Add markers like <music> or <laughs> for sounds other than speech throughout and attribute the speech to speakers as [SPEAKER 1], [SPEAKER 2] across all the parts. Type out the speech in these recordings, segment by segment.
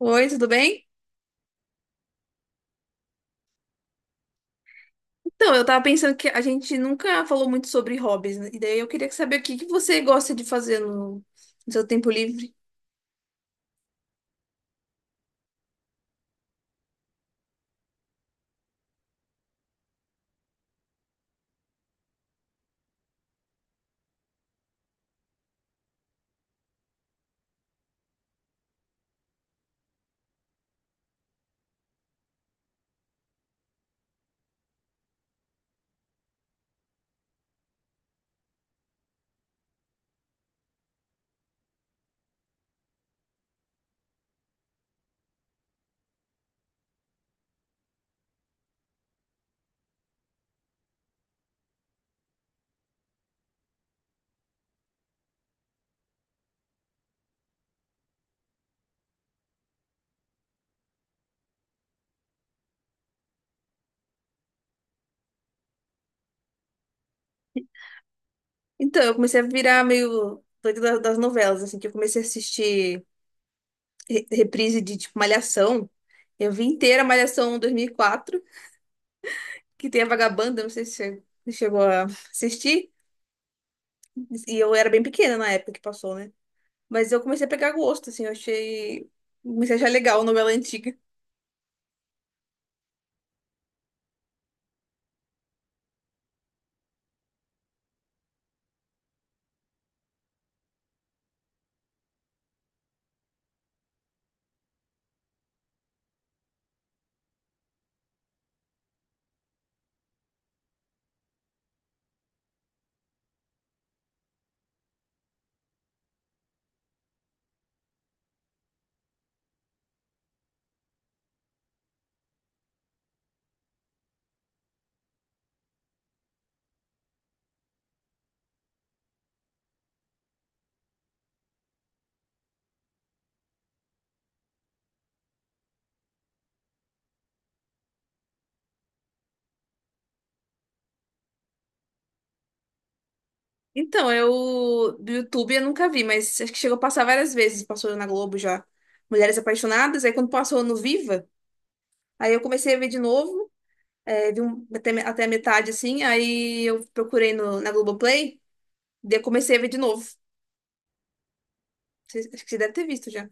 [SPEAKER 1] Oi, tudo bem? Então, eu tava pensando que a gente nunca falou muito sobre hobbies, né? E daí eu queria saber o que que você gosta de fazer no seu tempo livre. Então, eu comecei a virar meio doida das novelas, assim, que eu comecei a assistir reprise de, tipo, Malhação. Eu vi inteira Malhação 2004 que tem a Vagabanda, não sei se você chegou a assistir. E eu era bem pequena na época que passou, né? Mas eu comecei a pegar gosto, assim, eu achei. Comecei a achar legal novela antiga. Então, eu do YouTube eu nunca vi, mas acho que chegou a passar várias vezes, passou na Globo já. Mulheres Apaixonadas, aí quando passou no Viva, aí eu comecei a ver de novo, vi até a metade assim, aí eu procurei no, na Globoplay, daí eu comecei a ver de novo. Acho que você deve ter visto já.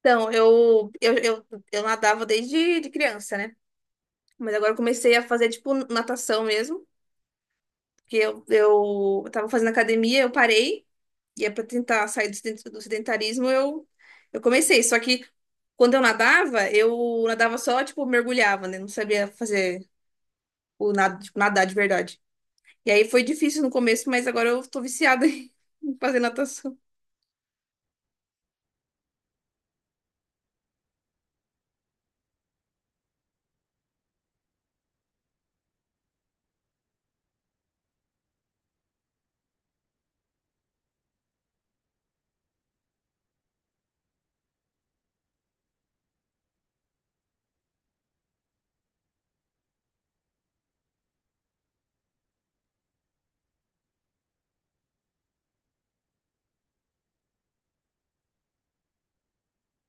[SPEAKER 1] Então, eu nadava desde de criança, né? Mas agora eu comecei a fazer, tipo, natação mesmo, porque eu tava fazendo academia, eu parei. E é para tentar sair do sedentarismo, eu comecei. Só que quando eu nadava só, tipo, mergulhava, né? Não sabia fazer o nado, tipo, nadar de verdade. E aí foi difícil no começo, mas agora eu tô viciada <laughs> em fazer natação.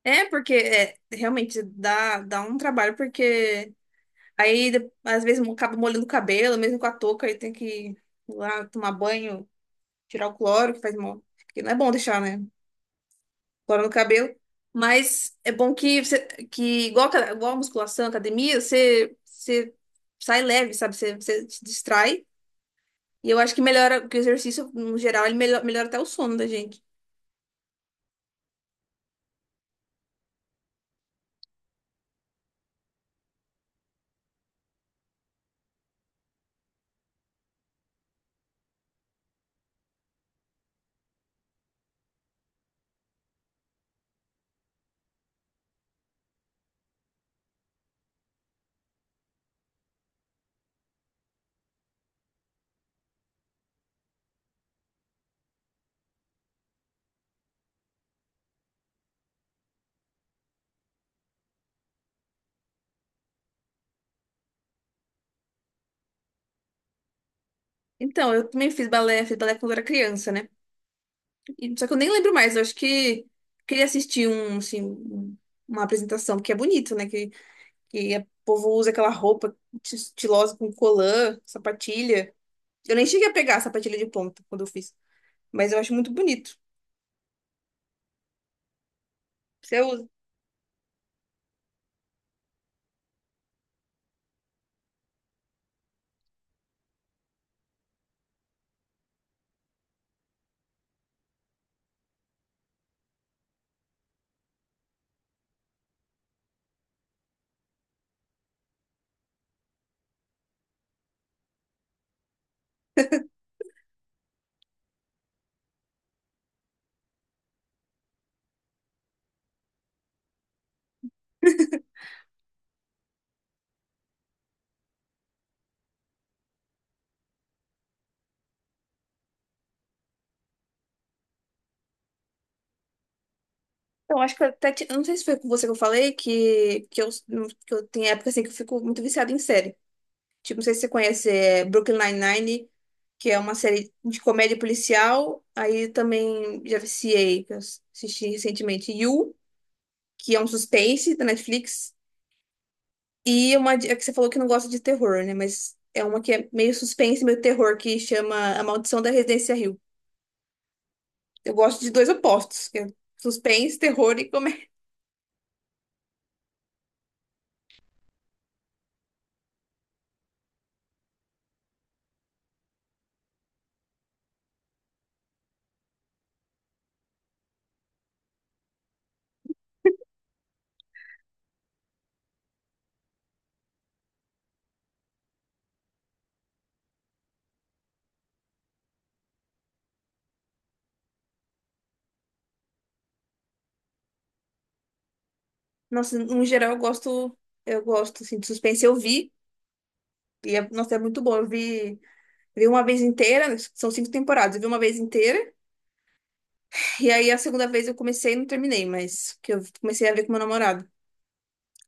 [SPEAKER 1] É, porque é, realmente dá um trabalho, porque aí às vezes acaba molhando o cabelo, mesmo com a touca, aí tem que ir lá tomar banho, tirar o cloro, que faz mal. Porque não é bom deixar, né? Cola no cabelo. Mas é bom que igual, igual a musculação, academia, você sai leve, sabe? Você se distrai. E eu acho que melhora, porque o exercício, no geral, ele melhora, até o sono da gente. Então, eu também fiz balé quando eu era criança, né? Só que eu nem lembro mais, eu acho que queria assistir um, assim, uma apresentação, que é bonito, né? Que o povo usa aquela roupa estilosa com colã, sapatilha. Eu nem cheguei a pegar a sapatilha de ponta quando eu fiz, mas eu acho muito bonito. Você usa? Então, acho que eu até, eu não sei se foi com você que eu falei que eu tenho época assim que eu fico muito viciada em série. Tipo, não sei se você conhece Brooklyn Nine-Nine, que é uma série de comédia policial. Aí também já viciei, que eu assisti recentemente. You, que é um suspense da Netflix. E é que você falou que não gosta de terror, né? Mas é uma que é meio suspense, meio terror, que chama A Maldição da Residência Hill. Eu gosto de dois opostos, que é suspense, terror e comédia. Nossa, no geral eu gosto assim, de suspense, eu vi, e é, nossa, é muito bom. Eu vi uma vez inteira, são cinco temporadas, eu vi uma vez inteira, e aí a segunda vez eu comecei e não terminei, mas que eu comecei a ver com meu namorado.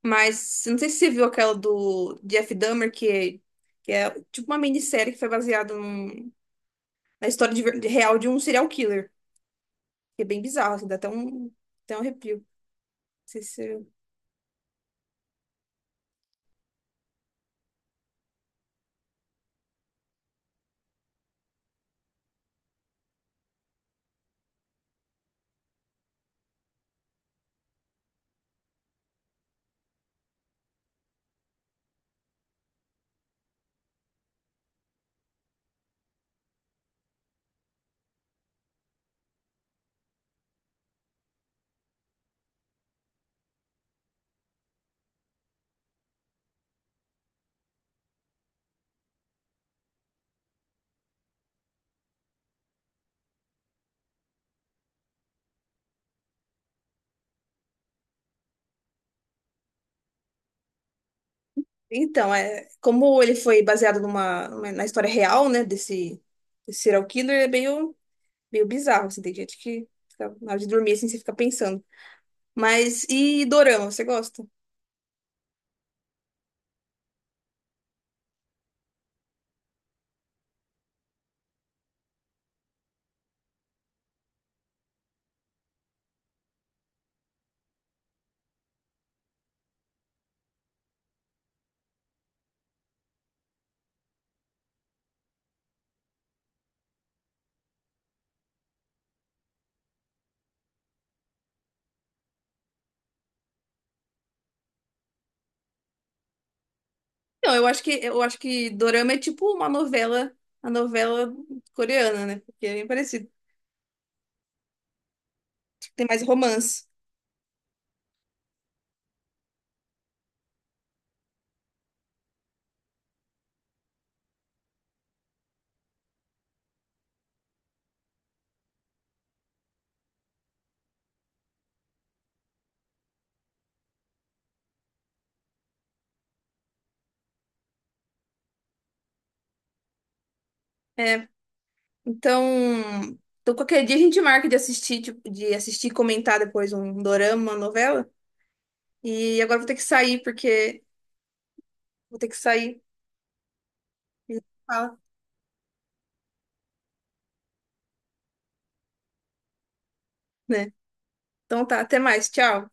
[SPEAKER 1] Mas eu não sei se você viu aquela do Jeff Dahmer, que é tipo uma minissérie que foi baseada na história de real de um serial killer, que é bem bizarro, assim, dá até um, arrepio. Não sei se. Então, como ele foi baseado na história real, né, desse serial killer, é meio, meio bizarro, assim, tem gente que na hora de dormir, assim, você fica pensando. Mas, e Dorama, você gosta? Não, eu acho que Dorama é tipo uma novela, a novela coreana, né, porque é bem parecido, tipo, tem mais romance. É, então, qualquer dia a gente marca de assistir, tipo, de assistir e comentar depois um Dorama, uma novela, e agora eu vou ter que sair, porque vou ter que sair. E fala, né? Então tá, até mais, tchau.